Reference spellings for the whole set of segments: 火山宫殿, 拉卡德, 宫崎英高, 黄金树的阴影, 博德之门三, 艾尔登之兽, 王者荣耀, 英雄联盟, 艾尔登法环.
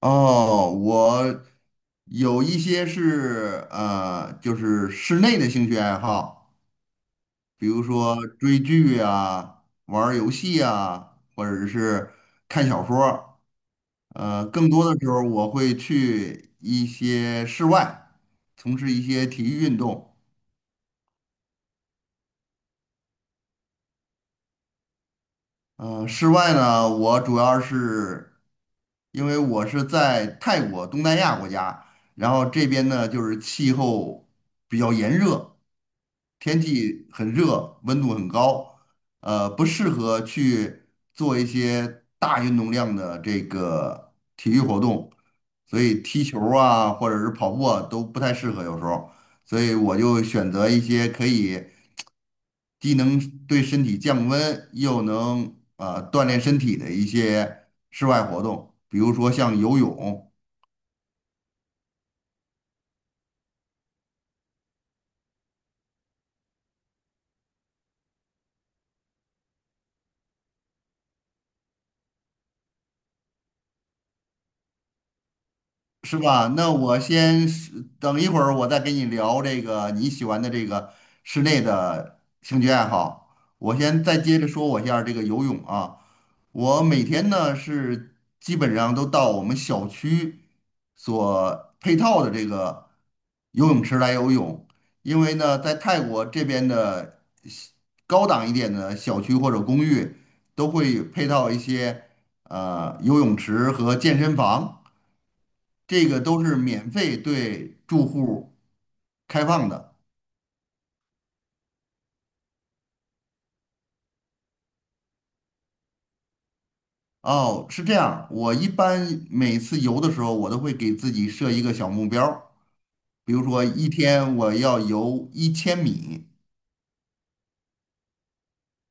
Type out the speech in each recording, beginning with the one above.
哦，我有一些是就是室内的兴趣爱好，比如说追剧啊、玩儿游戏啊，或者是看小说儿更多的时候我会去一些室外，从事一些体育运动。室外呢，我主要是因为我是在泰国东南亚国家，然后这边呢就是气候比较炎热。天气很热，温度很高，不适合去做一些大运动量的这个体育活动，所以踢球儿啊，或者是跑步啊，都不太适合有时候，所以我就选择一些可以既能对身体降温，又能锻炼身体的一些室外活动，比如说像游泳。是吧？那我先是等一会儿，我再跟你聊这个你喜欢的这个室内的兴趣爱好。我先再接着说我一下这个游泳啊，我每天呢是基本上都到我们小区所配套的这个游泳池来游泳，因为呢在泰国这边的高档一点的小区或者公寓都会配套一些游泳池和健身房。这个都是免费对住户开放的。哦，是这样，我一般每次游的时候，我都会给自己设一个小目标儿比如说一天我要游一千米。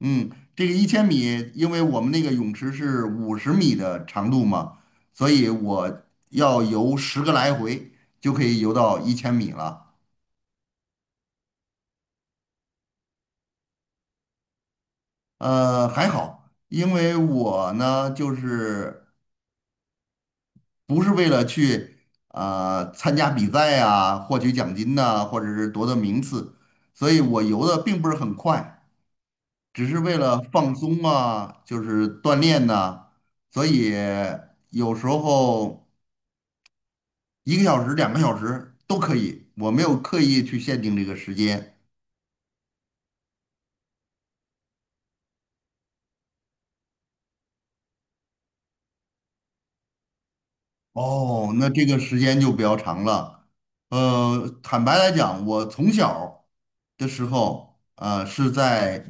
嗯，这个一千米，因为我们那个泳池是50米的长度嘛，所以我要游10个来回就可以游到一千米了。呃，还好，因为我呢就是。不是为了去参加比赛啊，获取奖金呐、或者是夺得名次，所以我游的并不是很快，只是为了放松啊，就是锻炼呐、所以有时候1个小时、2个小时都可以，我没有刻意去限定这个时间。哦，那这个时间就比较长了。坦白来讲，我从小的时候，呃，是在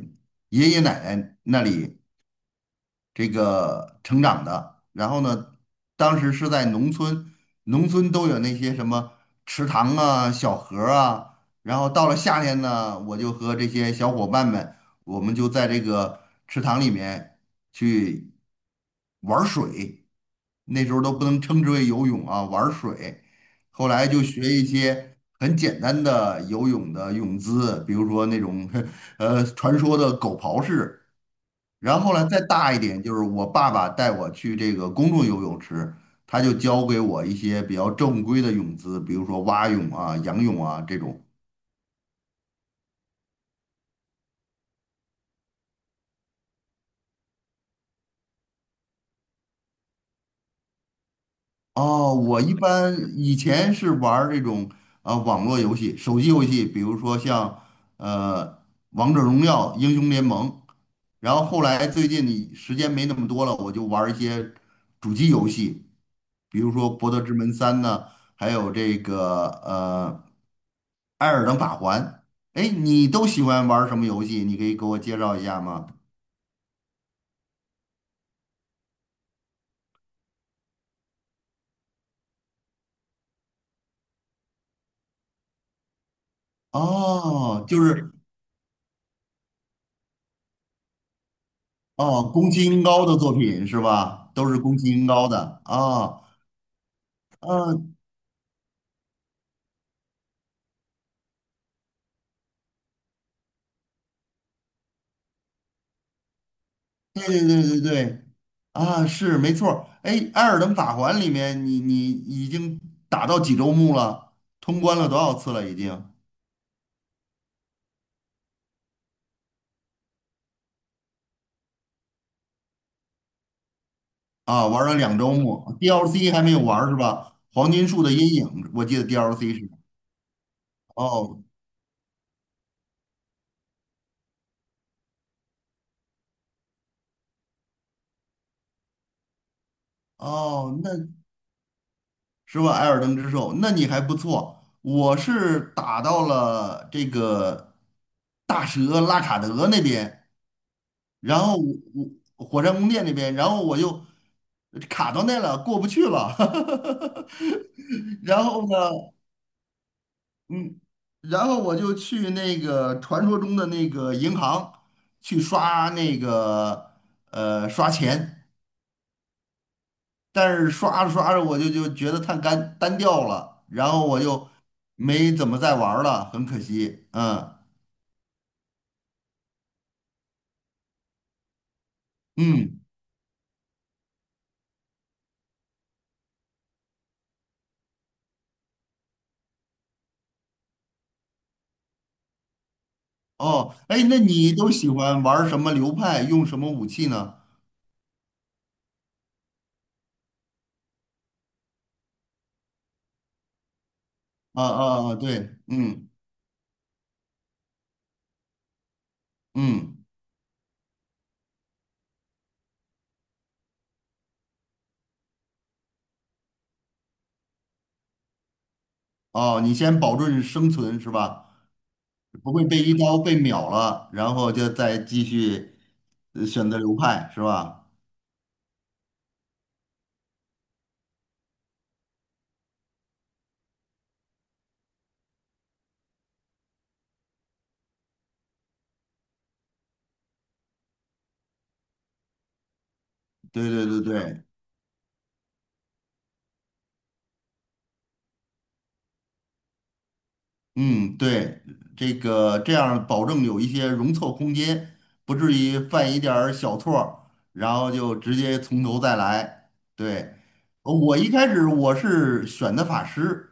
爷爷奶奶那里这个成长的。然后呢，当时是在农村，农村都有那些什么池塘啊、小河儿啊。然后到了夏天呢，我就和这些小伙伴们，我们就在这个池塘里面去玩儿水。那时候都不能称之为游泳啊，玩儿水。后来就学一些很简单的游泳的泳姿，比如说那种 传说的狗刨式。然后呢，再大一点，就是我爸爸带我去这个公众游泳池，他就教给我一些比较正规的泳姿，比如说蛙泳啊、仰泳啊这种。哦，我一般以前是玩儿这种啊、网络游戏、手机游戏，比如说像呃《王者荣耀》《英雄联盟》，然后后来最近你时间没那么多了，我就玩儿一些主机游戏，比如说《博德之门三》呢，还有这个艾尔登法环。哎，你都喜欢玩什么游戏？你可以给我介绍一下吗？哦，就是哦，宫崎英高的作品是吧？都是宫崎英高的啊啊，对对对对对，啊是没错儿。哎，艾尔登法环里面你已经打到几周目了？通关了多少次了已经？啊，玩了2周目，DLC 还没有玩儿是吧？黄金树的阴影，我记得 DLC 是。哦哦，那是吧？艾尔登之兽，那你还不错。我是打到了这个大蛇拉卡德那边，然后我火山宫殿那边，然后我就卡到那了，过不去了。然后呢，嗯，然后我就去那个传说中的那个银行去刷那个刷钱。但是刷着刷着我就觉得太干单调了，然后我就没怎么再玩儿了，很可惜。嗯嗯，哦，哎，那你都喜欢玩儿什么流派，用什么武器呢？啊啊啊，对，嗯嗯，哦，你先保证生存是吧？不会被一刀被秒了，然后就再继续选择流派是吧？对对对对，嗯，对，这个这样保证有一些容错空间，不至于犯一点儿小错儿，然后就直接从头再来。对，我一开始我是选的法师，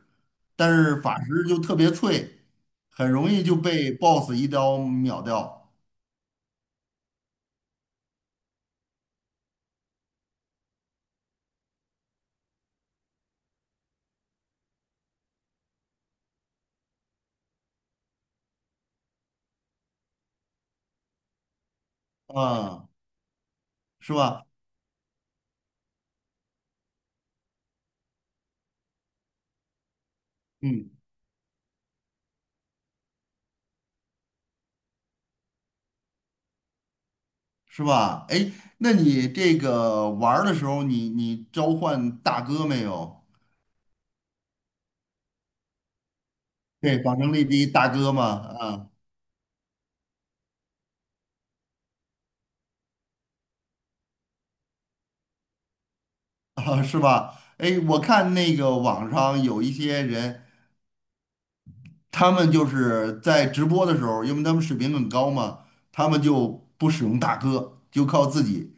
但是法师就特别脆，很容易就被 BOSS 一刀秒掉，啊，是吧？嗯，是吧？哎，那你这个玩儿的时候你，你召唤大哥没有？对，仿生力第一大哥嘛，啊。啊，是吧？哎，我看那个网上有一些人，他们就是在直播的时候，因为他们水平很高嘛，他们就不使用大哥，就靠自己。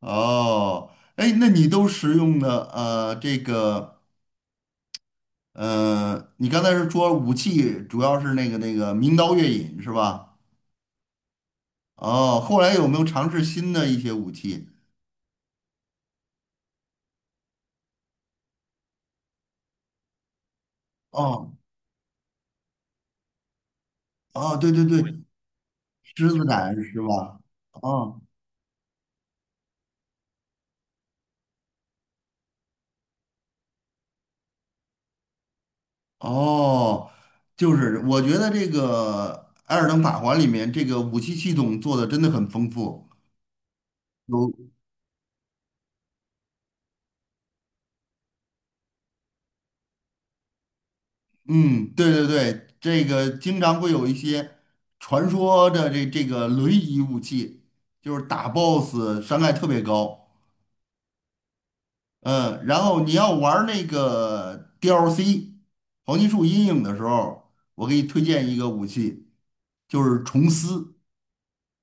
哦，哎，那你都使用的这个你刚才是说武器主要是那个名刀月影是吧？哦，后来有没有尝试新的一些武器？哦哦，对对对，狮子斩是吧？哦。哦，就是我觉得这个《艾尔登法环》里面这个武器系统做的真的很丰富，有，嗯，对对对，这个经常会有一些传说的这个轮椅武器，就是打 BOSS 伤害特别高，嗯，然后你要玩儿那个 DLC 黄金树阴影的时候，我给你推荐一个武器，就是虫丝。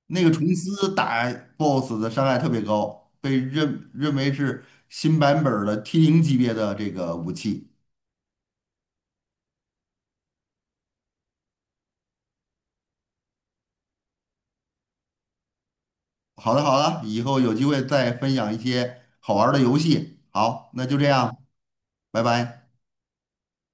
那个虫丝打 BOSS 的伤害特别高，被认为是新版本儿的 T0级别的这个武器。好的，好的，以后有机会再分享一些好玩儿的游戏。好，那就这样，拜拜。